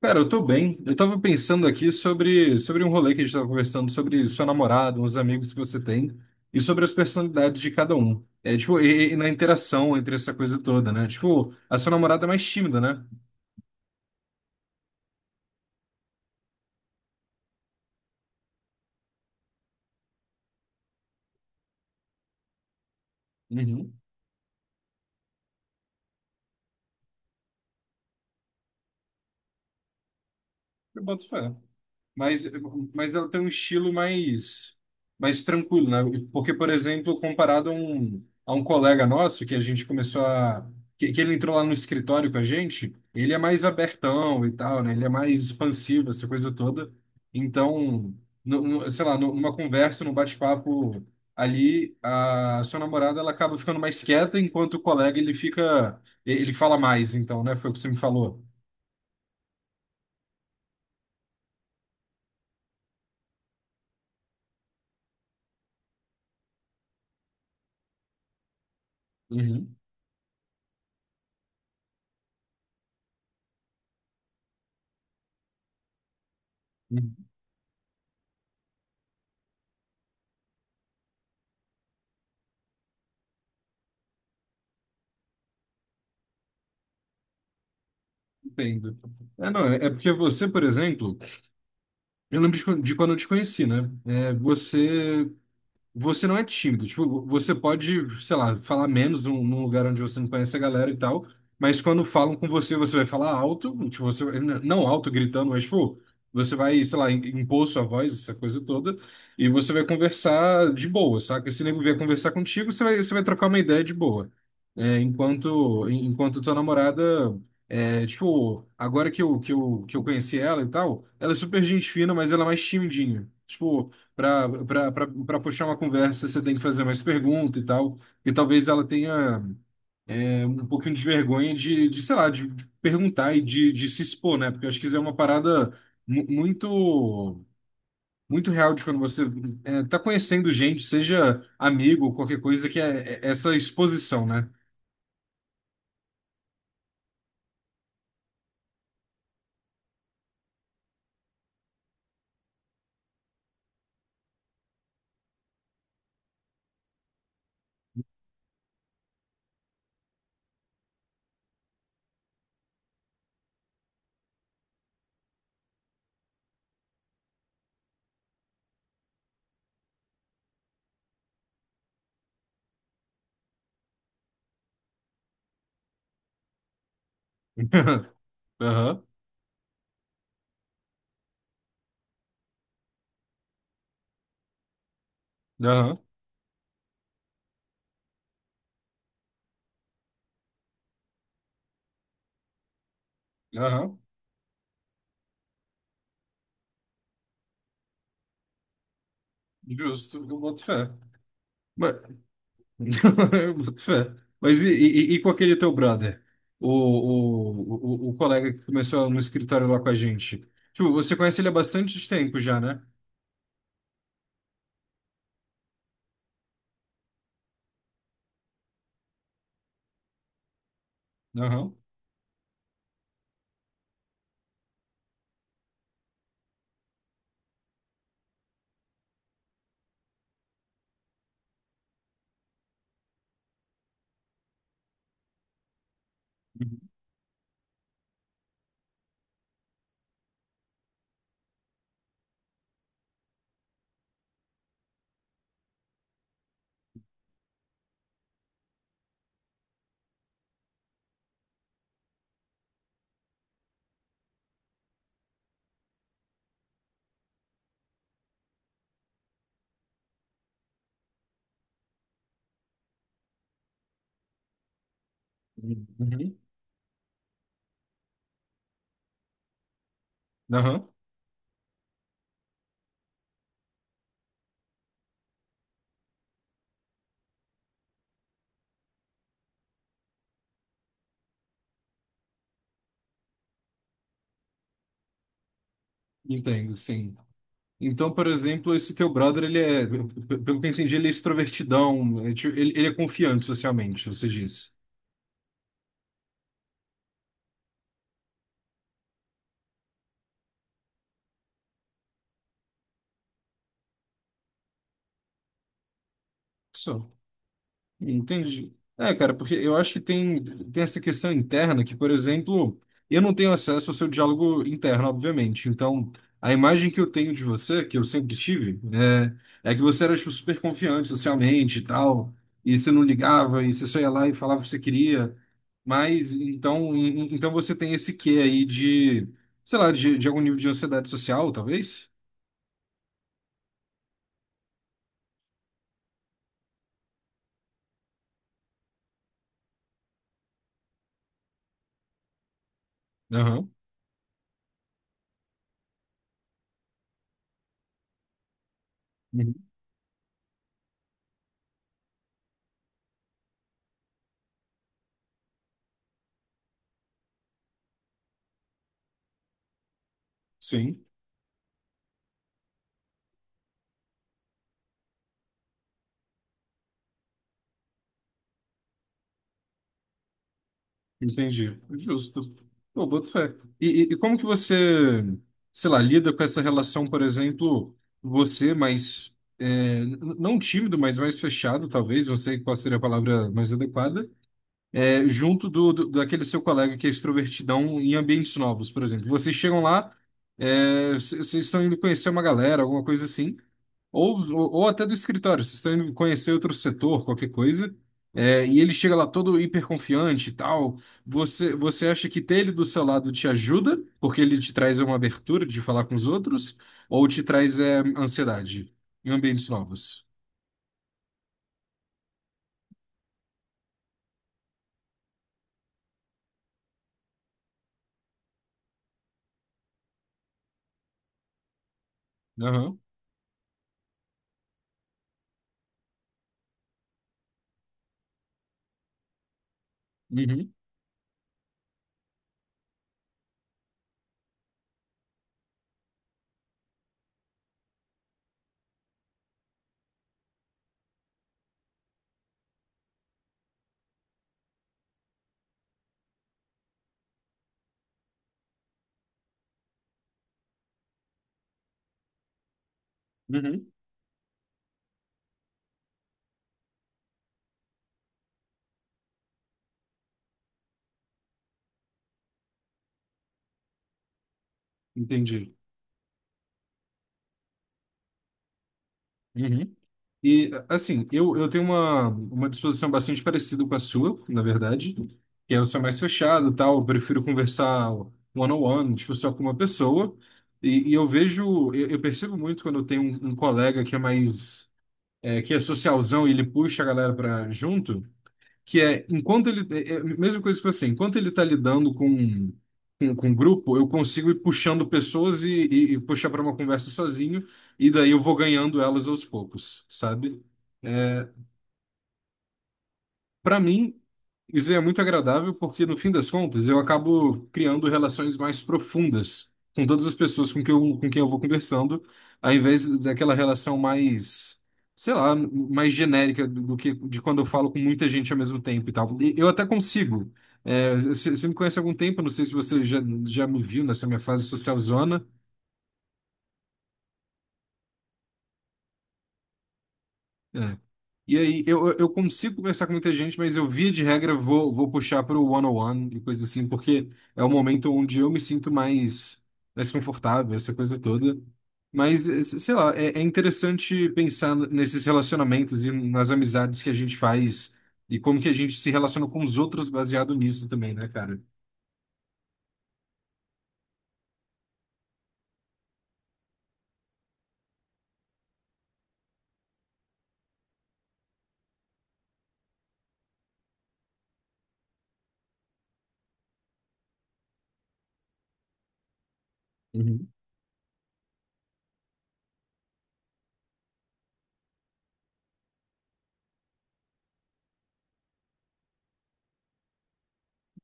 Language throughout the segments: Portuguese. Cara, eu tô bem. Eu tava pensando aqui sobre um rolê que a gente tava conversando, sobre sua namorada, uns amigos que você tem, e sobre as personalidades de cada um. E na interação entre essa coisa toda, né? Tipo, a sua namorada é mais tímida, né? Uhum. Eu boto fé. mas, mas ela tem um estilo mais, mais tranquilo, né? Porque, por exemplo, comparado a um colega nosso que a gente começou a. Que ele entrou lá no escritório com a gente, ele é mais abertão e tal, né? Ele é mais expansivo, essa coisa toda. Então, numa conversa, num bate-papo ali, a sua namorada ela acaba ficando mais quieta, enquanto o colega ele fica. Ele fala mais, então, né? Foi o que você me falou. Uhum. Entendo. É, não, é porque você, por exemplo, eu lembro de quando eu te conheci, né? É, você não é tímido. Tipo, você pode, sei lá, falar menos num lugar onde você não conhece a galera e tal, mas quando falam com você, você vai falar alto, tipo, você, n- não alto gritando, mas, tipo, você vai, sei lá, impor sua voz, essa coisa toda, e você vai conversar de boa, saca? Se o nego vier conversar contigo, você vai trocar uma ideia de boa. É, enquanto tua namorada. É, tipo, agora que eu conheci ela e tal, ela é super gente fina, mas ela é mais timidinha. Tipo, pra puxar uma conversa, você tem que fazer mais pergunta e tal. E talvez ela tenha um pouquinho de vergonha sei lá, de perguntar e de se expor, né? Porque eu acho que isso é uma parada muito, muito real de quando você tá conhecendo gente, seja amigo ou qualquer coisa, que é essa exposição, né? Aham, aham, aham, justo, eu boto fé. Eu boto fé. Mas e com aquele teu brother? O colega que começou no escritório lá com a gente. Tipo, você conhece ele há bastante tempo já, né? Aham. Uhum. Uhum. Aham. Entendo, sim. Então, por exemplo, esse teu brother, ele é, p- pelo que eu entendi, ele é extrovertidão, é tipo- ele é confiante socialmente, você disse. Só. Entendi. É, cara, porque eu acho que tem, tem essa questão interna que, por exemplo, eu não tenho acesso ao seu diálogo interno, obviamente. Então, a imagem que eu tenho de você, que eu sempre tive, é que você era, tipo, super confiante socialmente e tal, e você não ligava, e você só ia lá e falava o que você queria. Mas, então, então você tem esse quê aí de, sei lá, de algum nível de ansiedade social, talvez? Aham. Uhum. Sim. Entendi. Justo. Pô, boto fé. E, e como que você, sei lá, lida com essa relação, por exemplo, você mais, é, n- não tímido, mas mais fechado, talvez, não sei qual seria a palavra mais adequada, é, junto daquele seu colega que é extrovertidão em ambientes novos, por exemplo. Vocês chegam lá, é, c- vocês estão indo conhecer uma galera, alguma coisa assim, ou, ou até do escritório, vocês estão indo conhecer outro setor, qualquer coisa, é, e ele chega lá todo hiperconfiante e tal. Você acha que ter ele do seu lado te ajuda, porque ele te traz uma abertura de falar com os outros, ou te traz ansiedade em ambientes novos? Aham. Uhum. Uhum. Entendi. Uhum. E, assim, eu tenho uma disposição bastante parecida com a sua, na verdade, que é eu sou mais fechado, tal, eu prefiro conversar one-on-one, tipo, só com uma pessoa, e eu vejo, eu percebo muito quando eu tenho um, um colega que é mais, é, que é socialzão e ele puxa a galera para junto, que é enquanto ele é a mesma coisa que você, enquanto ele está lidando com com grupo, eu consigo ir puxando pessoas e puxar para uma conversa sozinho e daí eu vou ganhando elas aos poucos, sabe? É, para mim, isso é muito agradável porque, no fim das contas, eu acabo criando relações mais profundas com todas as pessoas com com quem eu vou conversando, ao invés daquela relação mais, sei lá, mais genérica do que de quando eu falo com muita gente ao mesmo tempo e tal. E eu até consigo. É, você me conhece há algum tempo, não sei se você já, já me viu nessa minha fase social zona. É, e aí, eu consigo conversar com muita gente, mas eu, via de regra, vou puxar para o one-on-one e coisa assim, porque é o momento onde eu me sinto mais, mais confortável, essa coisa toda. Mas, eh, se- sei lá, é, é interessante pensar nesses relacionamentos e nas amizades que a gente faz e como que a gente se relaciona com os outros baseado nisso também, né, cara?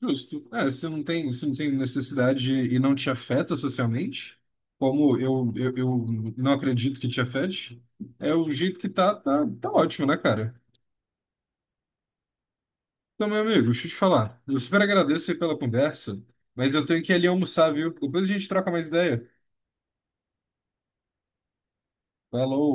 Justo. É, se não tem, se não tem necessidade e não te afeta socialmente, como eu não acredito que te afete, é o jeito que tá, tá ótimo, né, cara? Então, meu amigo, deixa eu te falar. Eu super agradeço aí pela conversa, mas eu tenho que ir ali almoçar, viu? Depois a gente troca mais ideia. Falou!